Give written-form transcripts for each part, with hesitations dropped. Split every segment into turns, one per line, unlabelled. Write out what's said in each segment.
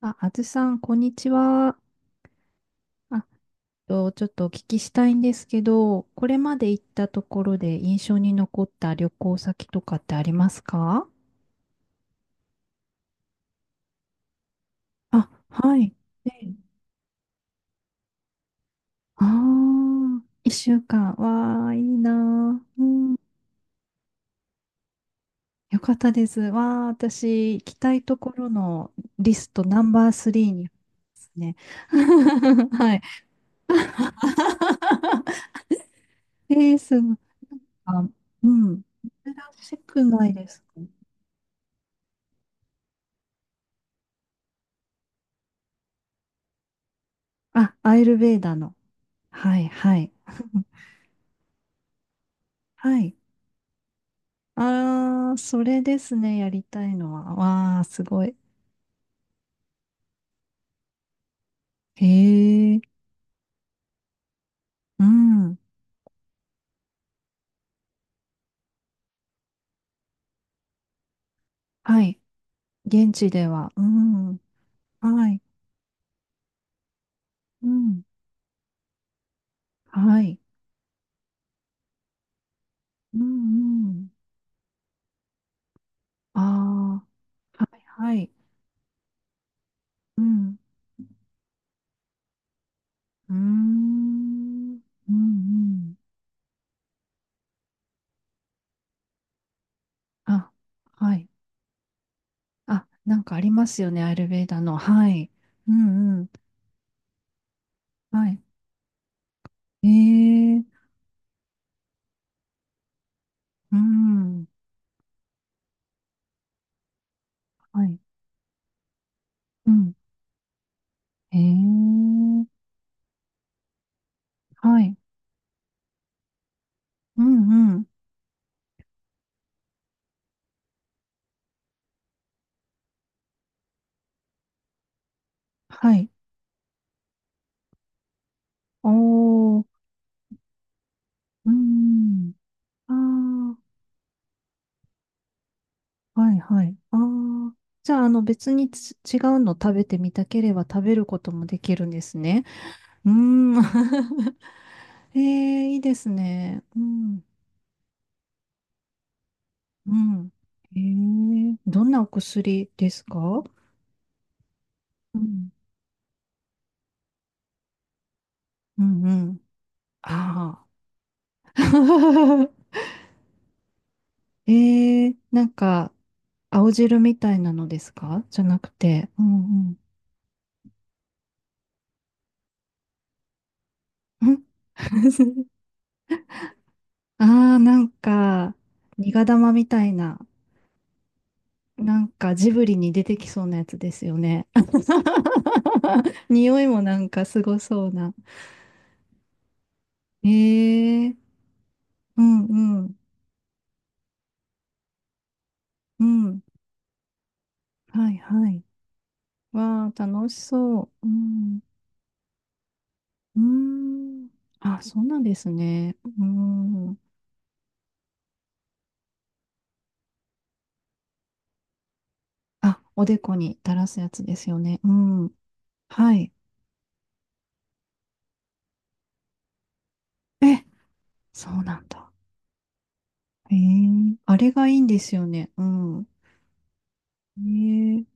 あ、あずさん、こんにちは。あ、ちょっとお聞きしたいんですけど、これまで行ったところで印象に残った旅行先とかってありますか？あ、はい。ね。ああ、一週間。わあ、いいなー。うん、よかったです。わあ、私、行きたいところのリストナンバースリーにですね。はい。えー、すごい。あ、うん。珍しくないですか？あ、アイルベーダの。はい、はい、はい。ああ、それですね、やりたいのは。わあ、すごい。へえ、うん、はい。現地では、うん、はい、うん、はい、うん、うん。ああ、はい、はい、うん、うーん、うん、うん。あ、はい。あ、なんかありますよね、アイルベーダの。はい、うん、うん、はい。へえ、うん、はい。うん、へえ、はい。うんうん。はい。おー、うん。ああ、はいはい。ああ。じゃあ、あの、別に違うの食べてみたければ食べることもできるんですね。うーん。ええ、いいですね。うん。うん。ええ、どんなお薬ですか？うん。うんうん。ああ。えー、なんか、青汁みたいなのですか？じゃなくて。うんうん。ん。 ああ、なんか、苦玉みたいな、なんかジブリに出てきそうなやつですよね。匂いもなんかすごそうな。えー、うんうん、うん。はいはい。わあ、楽しそう。うん。うーん。あ、そうなんですね。うん。あ、おでこに垂らすやつですよね。うん。はい。え、そうなんだ。へえ。あれがいいんですよね。うん。へえ。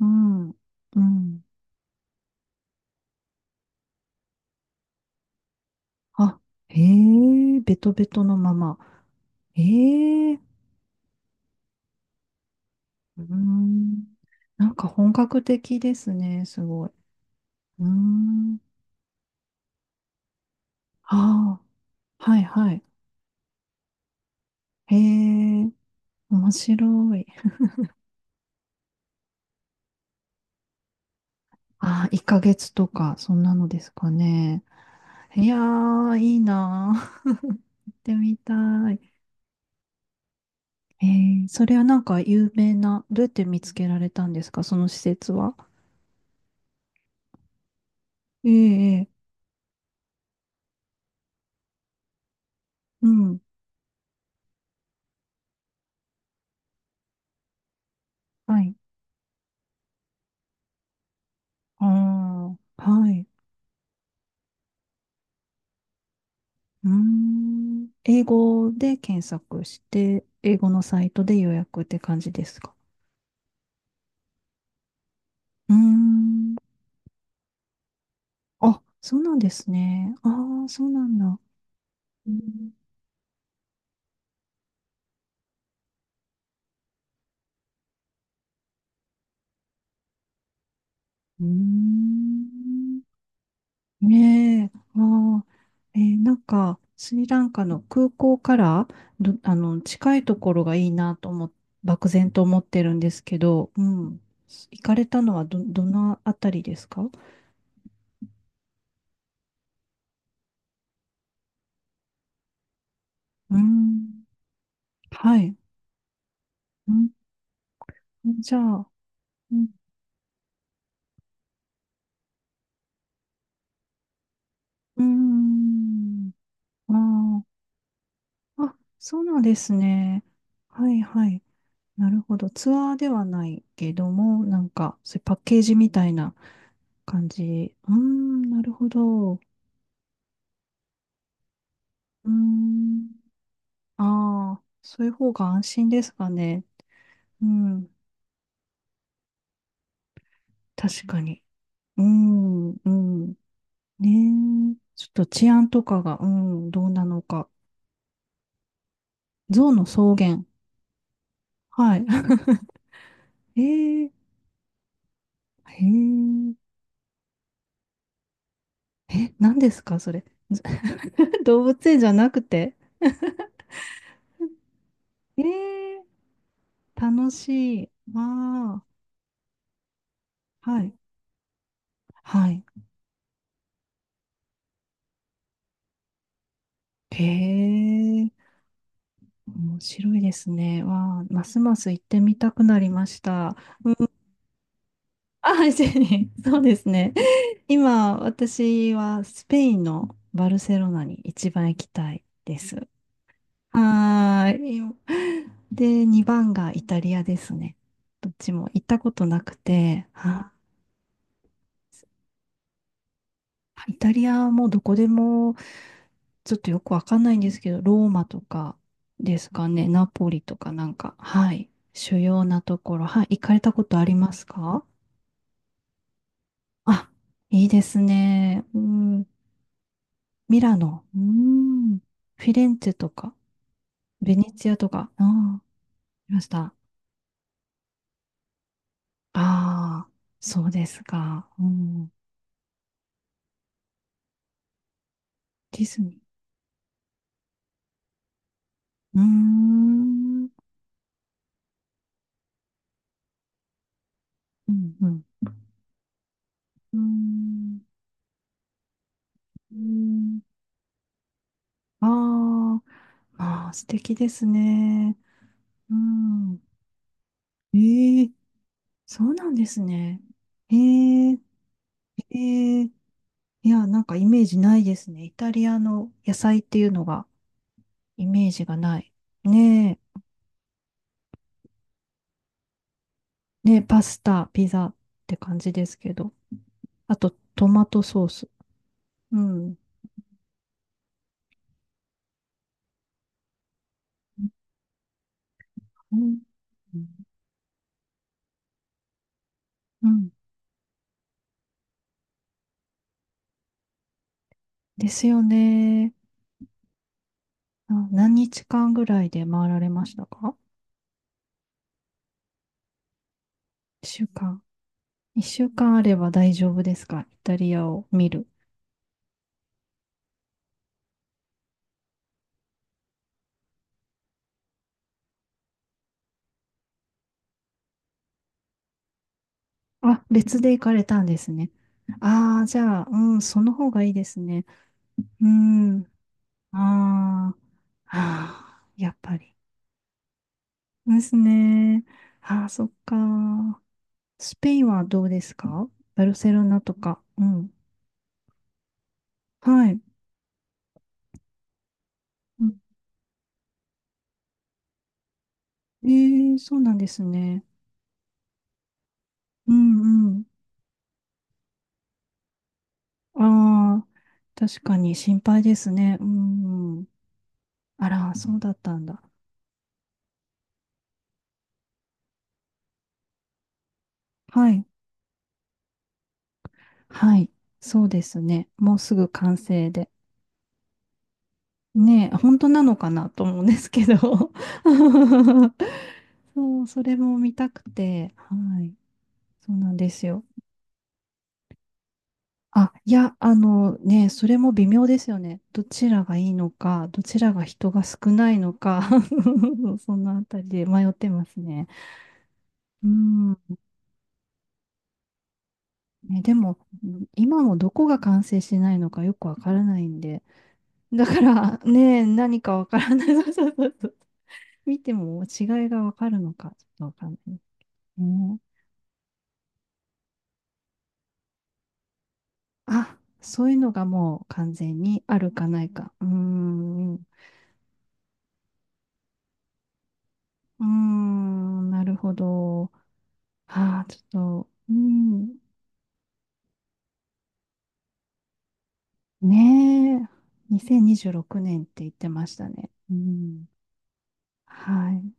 うん。うん。あ、へえ。ベトベトのまま。へえ。うーん。なんか本格的ですね。すごい。うーん。ああ。はいはい。へえ。面白い。ああ、1ヶ月とか、そんなのですかね。いやー、いいなー。ってみたい。えそれはなんか有名な、どうやって見つけられたんですか、その施設は？ええ、ええ、うん。はい。ああ、はい。うーん。英語で検索して、英語のサイトで予約って感じですか？うーん。あ、そうなんですね。ああ、そうなんだ。うん。うーん。ねえ、なんか、スリランカの空港からあの、近いところがいいなと漠然と思ってるんですけど、うん。行かれたのはどのあたりですか？うん。はい。うん。じゃあ、うん。うーん、ああ、あ、そうなんですね。はいはい。なるほど。ツアーではないけども、なんか、そういうパッケージみたいな感じ。うーん、なるほど。うーん。ああ、そういう方が安心ですかね。うん。確かに。うん、うん。ねえ。ちょっと治安とかが、うん、どうなのか。象の草原。はい。ええ、へえ。え、何ですか、それ。ず 動物園じゃなくて。ええ、楽しい。わあ、はい。はい。へえ、面白いですね。わあ、ますます行ってみたくなりました。あ、シェリー、そうですね。今、私はスペインのバルセロナに一番行きたいです。はーい。で、2番がイタリアですね。どっちも行ったことなくて、はあ。イタリアもどこでもちょっとよくわかんないんですけど、ローマとかですかね、ナポリとかなんか、はい、主要なところ、はい、行かれたことありますか？あ、いいですね。うん、ミラノ、うーん、フィレンツェとか、ベネツィアとか、ああ、いました。ああ、そうですか。うん、ディズニー。うーん、うん、うん、うーん、うーん、ああ、まあ、素敵ですね。うん。ええ、そうなんですね。ええ、ええ、いや、なんかイメージないですね。イタリアの野菜っていうのが。イメージがない。ねえ。ね、パスタ、ピザって感じですけど。あと、トマトソース。うん。うん。うん、ですよね。あ、何日間ぐらいで回られましたか？一週間。一週間あれば大丈夫ですか、イタリアを見る？あ、別で行かれたんですね。ああ、じゃあ、うん、その方がいいですね。うん。ああ、はあ、やっぱり。ですね。ああ、そっか。スペインはどうですか？バルセロナとか。うん。はい。うん、ええ、そうなんですね。うんうん。ああ、確かに心配ですね。うんうん。あら、そうだったんだ。はい。はい。そうですね。もうすぐ完成で。ねえ、本当なのかなと思うんですけど。そう、それも見たくて。はい。そうなんですよ。あ、いや、あのね、それも微妙ですよね。どちらがいいのか、どちらが人が少ないのか、そのあたりで迷ってますね。うん。ね、でも、今もどこが完成しないのかよくわからないんで。だから、ね、何かわからない。そうそうそうそう。見ても違いがわかるのか、ちょっとわかんないですね。あ、そういうのがもう完全にあるかないか。うーん。うーん、なるほど。ああ、ちょっと、うん、ねえ、2026年って言ってましたね。うん、はい。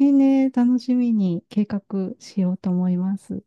ね、楽しみに計画しようと思います。